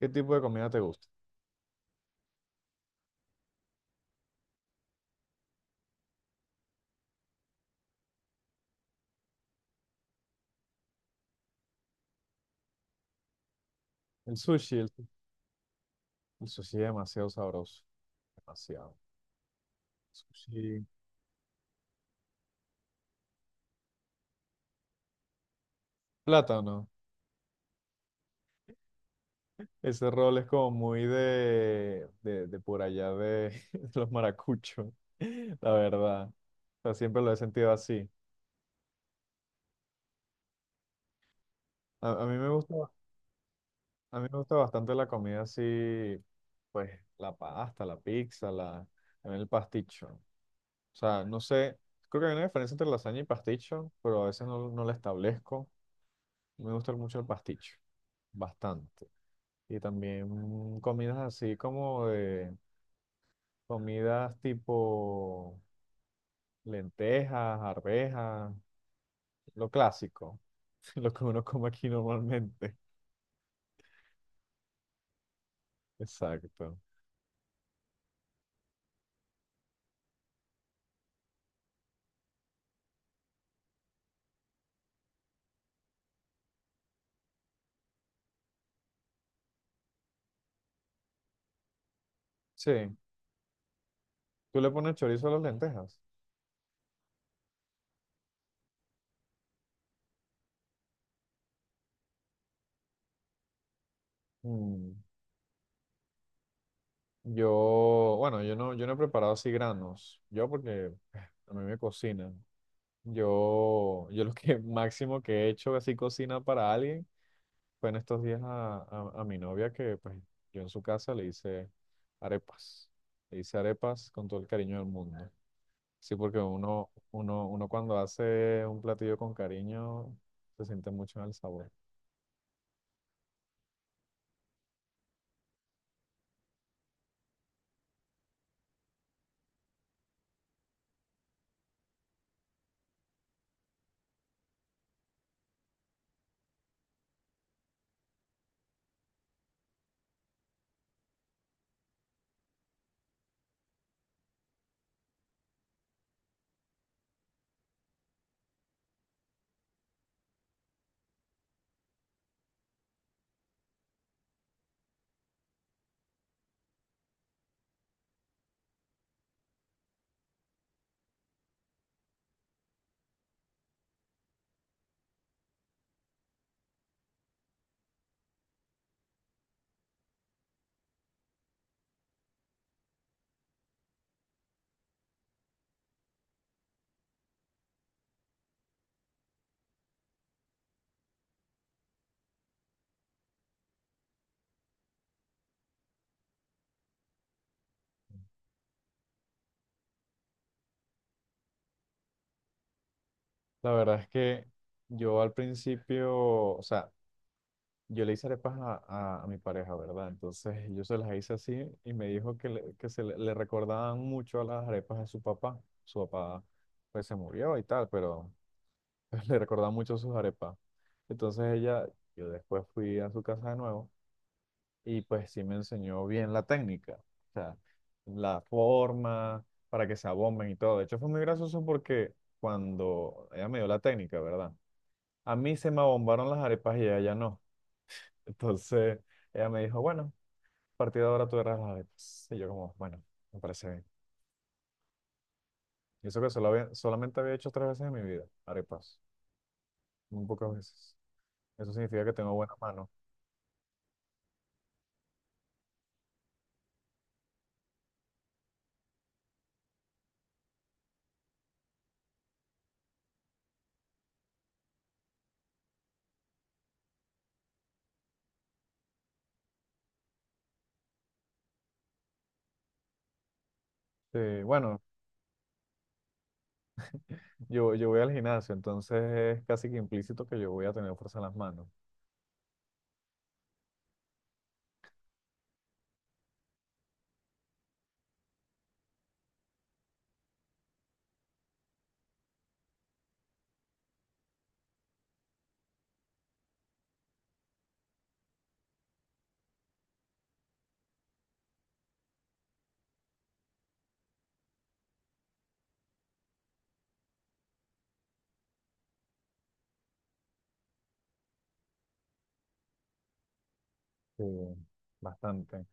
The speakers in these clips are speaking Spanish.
¿Qué tipo de comida te gusta? El sushi, el, el sushi es demasiado sabroso, demasiado. Sushi. Plátano. Ese rol es como muy de por allá de, de los maracuchos, la verdad. O sea, siempre lo he sentido así. A mí me gusta, a mí me gusta bastante la comida así, pues la pasta, la pizza, la, también el pasticho. O sea, no sé, creo que hay una diferencia entre lasaña y pasticho, pero a veces no, no la establezco. Me gusta mucho el pasticho, bastante. Y también comidas así como de comidas tipo lentejas, arvejas, lo clásico, lo que uno come aquí normalmente. Exacto. Sí, tú le pones chorizo a las lentejas. Mm. Yo, bueno, yo no, yo no he preparado así granos. Yo porque a mí me cocinan. Yo lo que máximo que he hecho así cocina para alguien fue en estos días a mi novia que pues yo en su casa le hice arepas. Le hice arepas con todo el cariño del mundo. Sí, porque uno cuando hace un platillo con cariño se siente mucho en el sabor. La verdad es que yo al principio, o sea, yo le hice arepas a mi pareja, ¿verdad? Entonces yo se las hice así y me dijo que, le recordaban mucho a las arepas de su papá. Su papá pues se murió y tal, pero le recordaba mucho sus arepas. Entonces ella, yo después fui a su casa de nuevo y pues sí me enseñó bien la técnica, o sea, la forma para que se abomben y todo. De hecho fue muy gracioso porque cuando ella me dio la técnica, ¿verdad? A mí se me abombaron las arepas y a ella no. Entonces ella me dijo, bueno, a partir de ahora tú eras las arepas. Y yo como, bueno, me parece bien. Y eso que solamente había hecho 3 veces en mi vida, arepas, muy pocas veces. Eso significa que tengo buena mano. Sí, bueno. Yo voy al gimnasio, entonces es casi que implícito que yo voy a tener fuerza en las manos. Sí, bastante.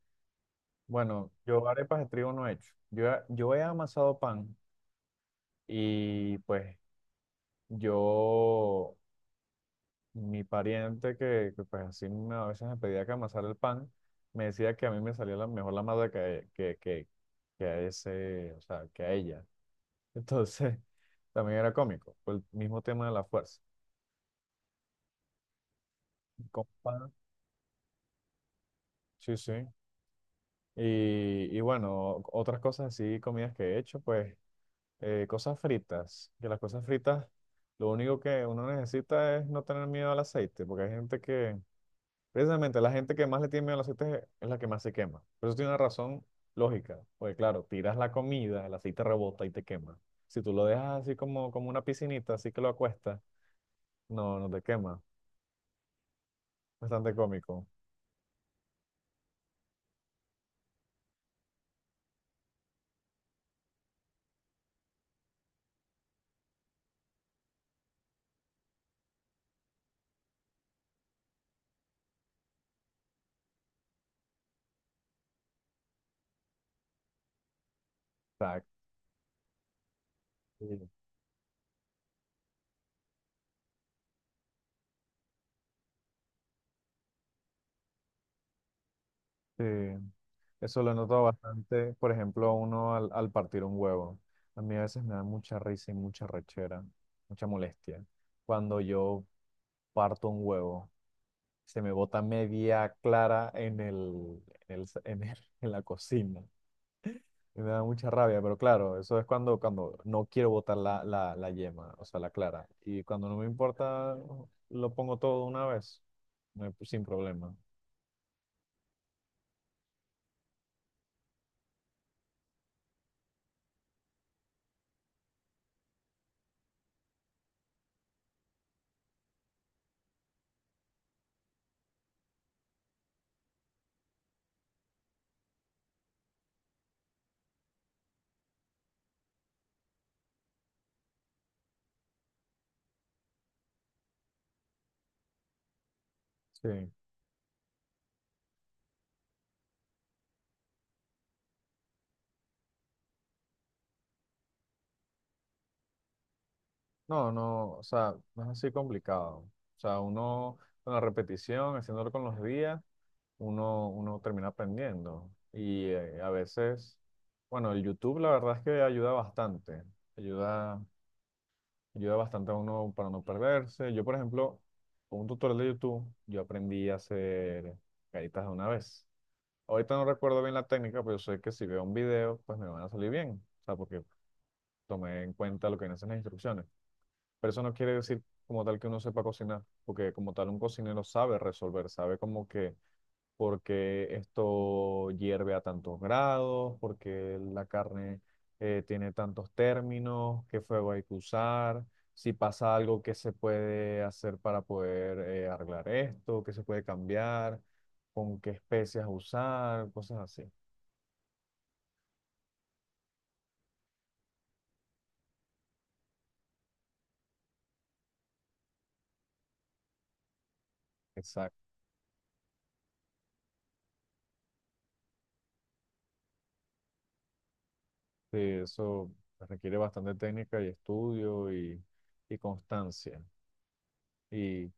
Bueno, yo arepas de trigo no he hecho. Yo he amasado pan y pues yo, mi pariente pues así a veces me pedía que amasara el pan, me decía que a mí me salía la, mejor la masa que a ese, o sea, que a ella. Entonces, también era cómico, por el mismo tema de la fuerza. Con pan, sí, sí. Y bueno, otras cosas así, comidas que he hecho, pues cosas fritas, que las cosas fritas, lo único que uno necesita es no tener miedo al aceite, porque hay gente que, precisamente la gente que más le tiene miedo al aceite es la que más se quema. Pero eso tiene una razón lógica, porque claro, tiras la comida, el aceite rebota y te quema. Si tú lo dejas así como, como una piscinita, así que lo acuestas, no, no te quema. Bastante cómico. Exacto. Sí, eso lo he notado bastante, por ejemplo, uno al, al partir un huevo. A mí a veces me da mucha risa y mucha rechera, mucha molestia. Cuando yo parto un huevo, se me bota media clara en la cocina. Y me da mucha rabia, pero claro, eso es cuando, cuando no quiero botar la yema, o sea, la clara. Y cuando no me importa, lo pongo todo de una vez, sin problema. Sí. No, no, o sea, no es así complicado. O sea, uno con la repetición, haciéndolo con los días, uno termina aprendiendo. Y a veces, bueno, el YouTube la verdad es que ayuda bastante. Ayuda, ayuda bastante a uno para no perderse. Yo, por ejemplo, con un tutorial de YouTube, yo aprendí a hacer caritas de una vez. Ahorita no recuerdo bien la técnica, pero yo sé que si veo un video, pues me van a salir bien. O sea, porque tomé en cuenta lo que dicen las instrucciones. Pero eso no quiere decir como tal que uno sepa cocinar, porque como tal un cocinero sabe resolver, sabe como que porque esto hierve a tantos grados, porque la carne tiene tantos términos, qué fuego hay que usar, si pasa algo que se puede hacer para poder arreglar esto, qué se puede cambiar, con qué especias usar, cosas así. Exacto. Sí, eso requiere bastante técnica y estudio y constancia y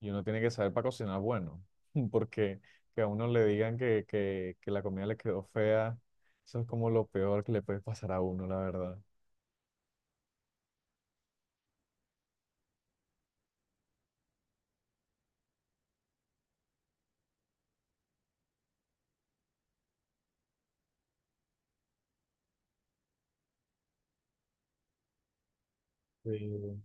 Y uno tiene que saber para cocinar bueno, porque que a uno le digan que la comida le quedó fea, eso es como lo peor que le puede pasar a uno, la verdad. Sí.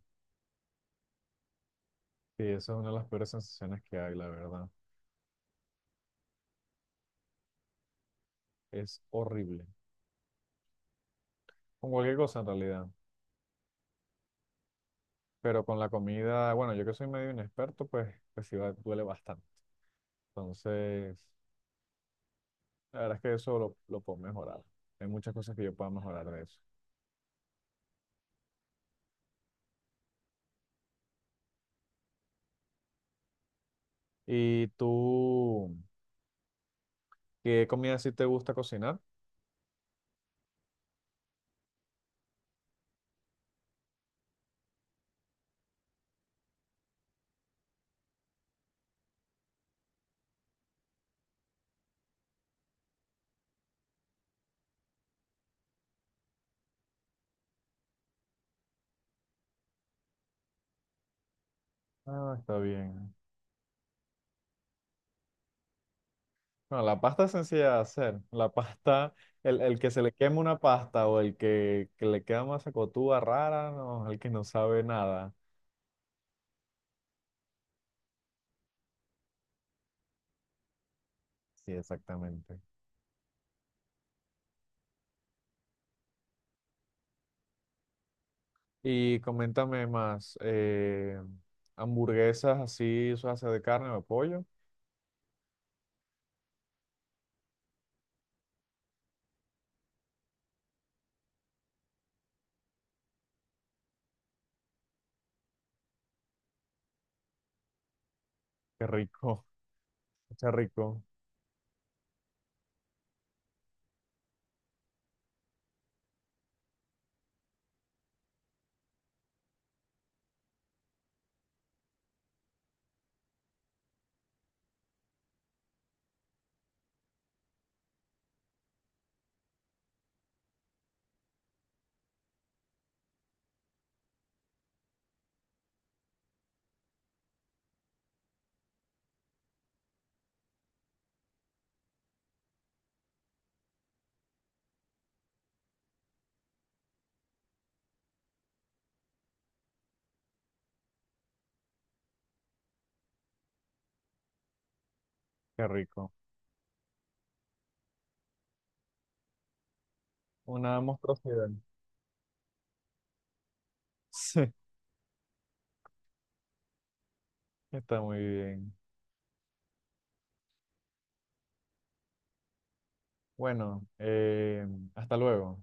Sí, eso es una de las peores sensaciones que hay, la verdad. Es horrible. Con cualquier cosa en realidad. Pero con la comida, bueno, yo que soy medio inexperto, pues, duele bastante. Entonces, la verdad es que eso lo puedo mejorar. Hay muchas cosas que yo puedo mejorar de eso. ¿Y tú, qué comida sí te gusta cocinar? Ah, está bien. No, la pasta es sencilla de hacer. La pasta, el que se le quema una pasta o que le queda una sacotúa rara, no, el que no sabe nada. Sí, exactamente. Y coméntame más, hamburguesas así, o sea, de carne o de pollo. Qué rico, qué rico, qué rico. Una monstruosidad. Sí, está muy bien. Bueno, hasta luego.